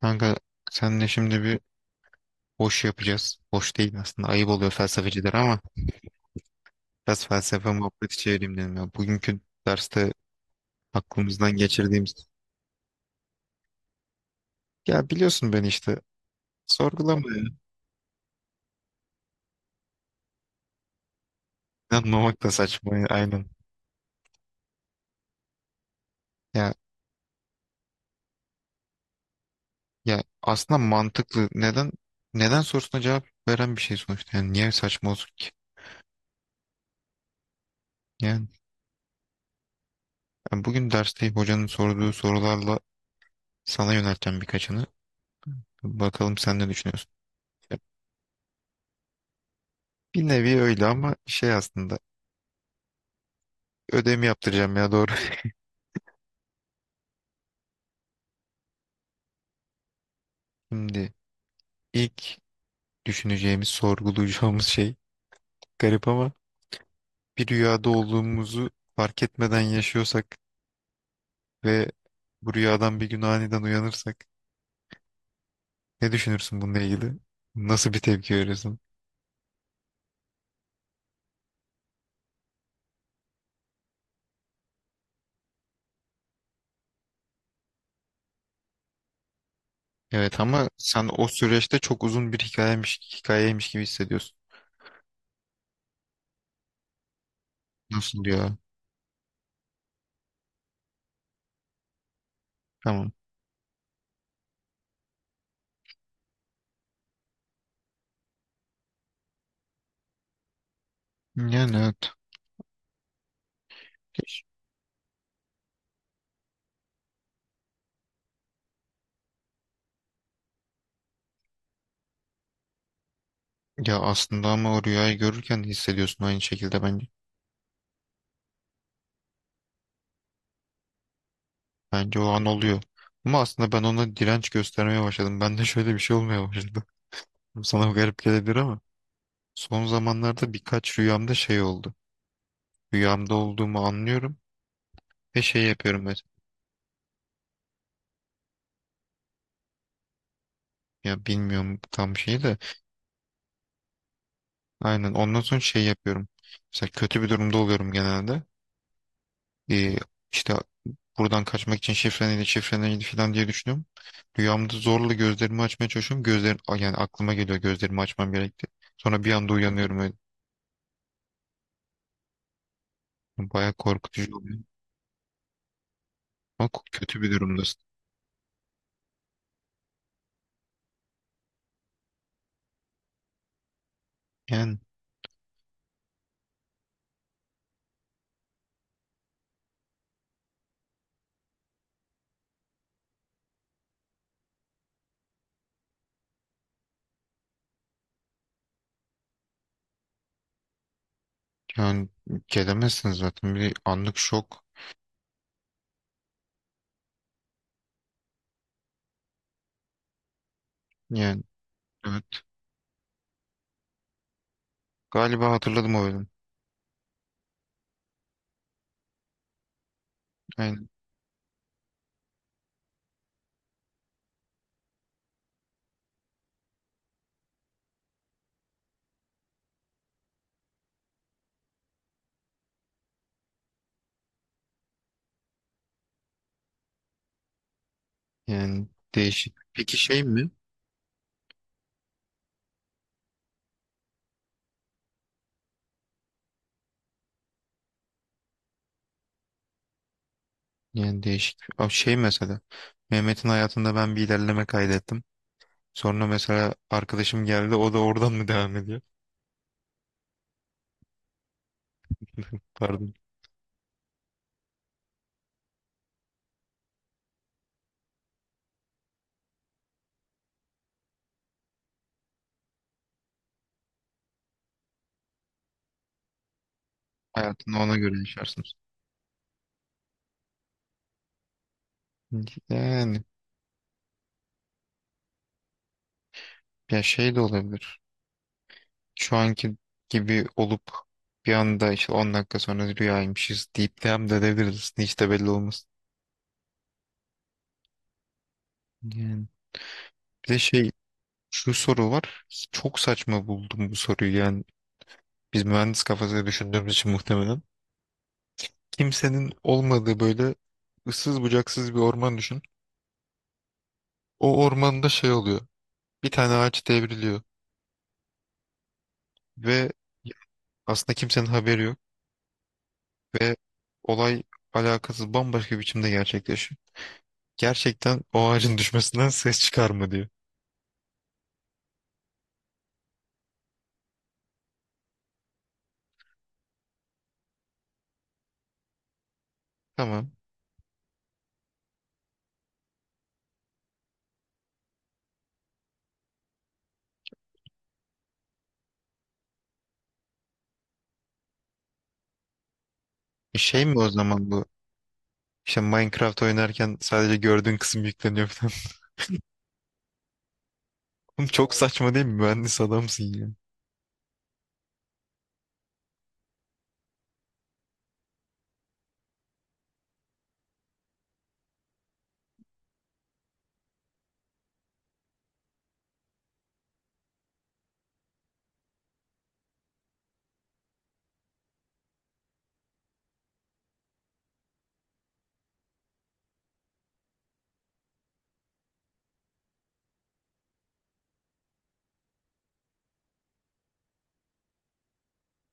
Kanka senle şimdi bir boş yapacağız. Boş değil aslında ayıp oluyor felsefeciler ama biraz felsefe muhabbeti çevireyim dedim ya. Bugünkü derste aklımızdan geçirdiğimiz... Ya biliyorsun ben işte sorgulama ya. İnanmamak da saçma ya, aynen. Ya, ya, aslında mantıklı. Neden sorusuna cevap veren bir şey sonuçta. Yani niye saçma olsun ki? Yani ben bugün derste hocanın sorduğu sorularla sana yönelteceğim birkaçını. Bakalım sen ne düşünüyorsun? Ya, bir nevi öyle ama şey aslında ödevimi yaptıracağım ya, doğru. Şimdi ilk düşüneceğimiz, sorgulayacağımız şey garip ama, bir rüyada olduğumuzu fark etmeden yaşıyorsak ve bu rüyadan bir gün aniden uyanırsak ne düşünürsün bununla ilgili? Nasıl bir tepki verirsin? Evet ama sen o süreçte çok uzun bir hikayeymiş gibi hissediyorsun. Nasıl ya? Tamam. Yani evet. Ya aslında ama o rüyayı görürken de hissediyorsun aynı şekilde bence. Bence o an oluyor. Ama aslında ben ona direnç göstermeye başladım. Bende şöyle bir şey olmaya başladı. Sana garip gelebilir ama son zamanlarda birkaç rüyamda şey oldu. Rüyamda olduğumu anlıyorum ve şey yapıyorum mesela. Ya bilmiyorum tam şeyi de. Aynen, ondan sonra şey yapıyorum. Mesela kötü bir durumda oluyorum genelde. Ee, işte buradan kaçmak için şifre neydi, şifre neydi falan diye düşünüyorum. Rüyamda zorla gözlerimi açmaya çalışıyorum. Gözlerim, yani aklıma geliyor gözlerimi açmam gerekti. Sonra bir anda uyanıyorum öyle. Baya korkutucu oluyor. Ama kötü bir durumdasın. Yani, yani, gelemezsin zaten. Bir anlık şok. Yani evet. Galiba hatırladım o bölüm. Aynen. Yani değişik. Peki şey mi? Yani değişik. Abi şey mesela. Mehmet'in hayatında ben bir ilerleme kaydettim. Sonra mesela arkadaşım geldi. O da oradan mı devam ediyor? Pardon. Hayatını ona göre yaşarsınız. Yani ya şey de olabilir. Şu anki gibi olup bir anda işte 10 dakika sonra rüyaymışız deyip devam da edebiliriz. Hiç de belli olmaz. Yani bir de şey, şu soru var. Çok saçma buldum bu soruyu. Yani biz mühendis kafasıyla düşündüğümüz için muhtemelen. Kimsenin olmadığı böyle ıssız bucaksız bir orman düşün. O ormanda şey oluyor. Bir tane ağaç devriliyor ve aslında kimsenin haberi yok ve olay alakasız bambaşka bir biçimde gerçekleşiyor. Gerçekten o ağacın düşmesinden ses çıkar mı diyor. Tamam. E şey mi o zaman bu? İşte Minecraft oynarken sadece gördüğün kısım yükleniyor. Oğlum, çok saçma değil mi? Mühendis adamsın ya.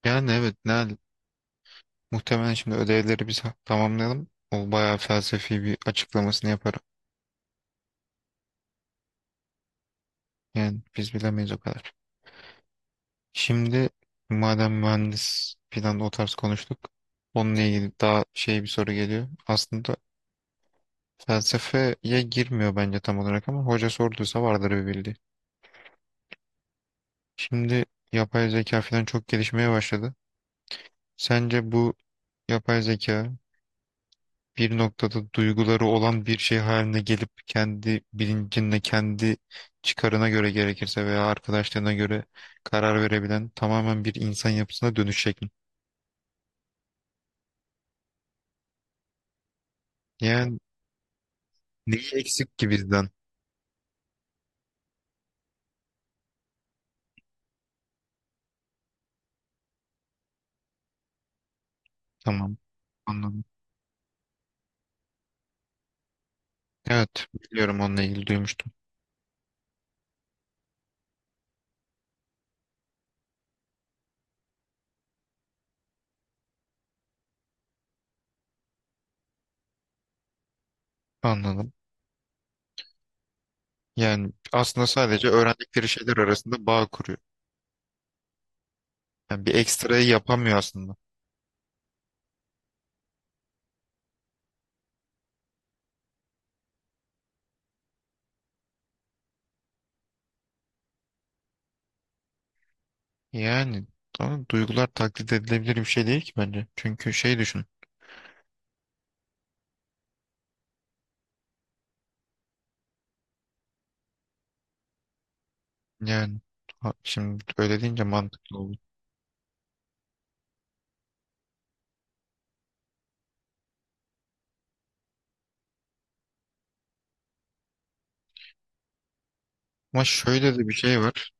Yani evet muhtemelen şimdi ödevleri biz tamamlayalım. O bayağı felsefi bir açıklamasını yaparım. Yani biz bilemeyiz o kadar. Şimdi madem mühendis falan o tarz konuştuk. Onunla ilgili daha şey bir soru geliyor. Aslında felsefeye girmiyor bence tam olarak ama hoca sorduysa vardır bir bildiği. Şimdi yapay zeka falan çok gelişmeye başladı. Sence bu yapay zeka bir noktada duyguları olan bir şey haline gelip kendi bilincinle, kendi çıkarına göre gerekirse veya arkadaşlarına göre karar verebilen tamamen bir insan yapısına dönüşecek mi? Yani neyi eksik ki bizden? Tamam, anladım. Evet, biliyorum onunla ilgili duymuştum. Anladım. Yani aslında sadece öğrendikleri şeyler arasında bağ kuruyor. Yani bir ekstrayı yapamıyor aslında. Yani tamam, duygular taklit edilebilir bir şey değil ki bence. Çünkü şey düşün. Yani şimdi öyle deyince mantıklı oldu. Ama şöyle de bir şey var.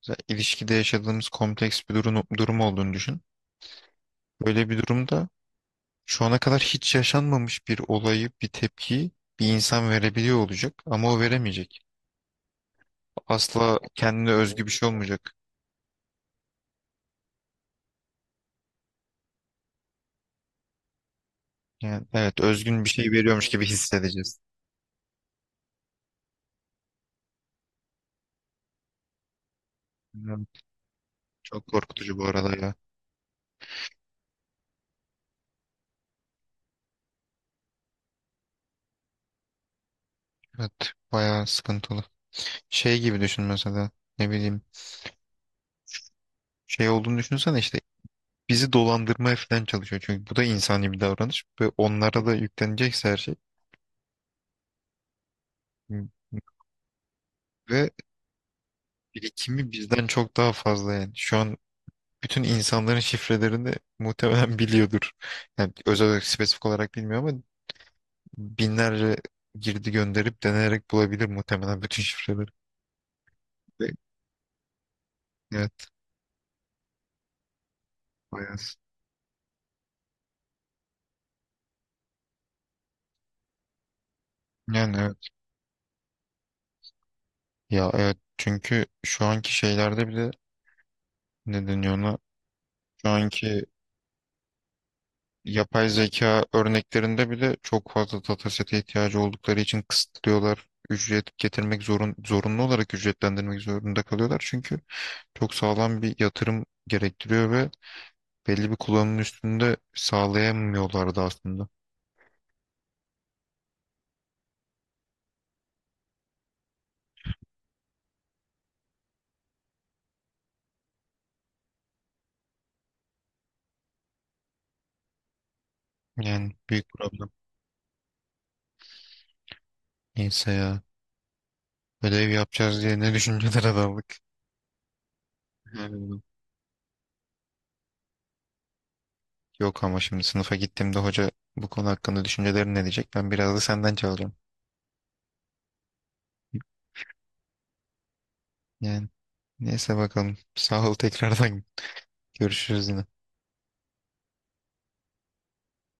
Mesela ilişkide yaşadığımız kompleks bir durum olduğunu düşün. Böyle bir durumda şu ana kadar hiç yaşanmamış bir olayı, bir tepkiyi bir insan verebiliyor olacak ama o veremeyecek. Asla kendine özgü bir şey olmayacak. Yani evet, özgün bir şey veriyormuş gibi hissedeceğiz. Bilmiyorum, çok korkutucu bu arada ya. Evet, bayağı sıkıntılı. Şey gibi düşün mesela, ne bileyim, şey olduğunu düşünsene işte, bizi dolandırmaya falan çalışıyor. Çünkü bu da insani bir davranış ve onlara da yüklenecekse her şey m- ve birikimi bizden çok daha fazla yani. Şu an bütün insanların şifrelerini muhtemelen biliyordur. Yani özel olarak spesifik olarak bilmiyor ama binlerce girdi gönderip deneyerek bulabilir muhtemelen bütün şifreleri. Ve evet, bayağı. Yani evet. Ya evet, çünkü şu anki şeylerde bile ne deniyor ona? Şu anki yapay zeka örneklerinde bile çok fazla datasete ihtiyacı oldukları için kısıtlıyorlar. Ücret getirmek zorunlu olarak ücretlendirmek zorunda kalıyorlar. Çünkü çok sağlam bir yatırım gerektiriyor ve belli bir kullanımın üstünde sağlayamıyorlardı aslında. Yani büyük problem. Neyse ya. Ödev yapacağız diye ne düşünceler aldık. Hmm. Yok ama şimdi sınıfa gittiğimde hoca bu konu hakkında düşüncelerin ne diyecek? Ben biraz da senden çalacağım. Yani neyse bakalım. Sağ ol tekrardan. Görüşürüz yine.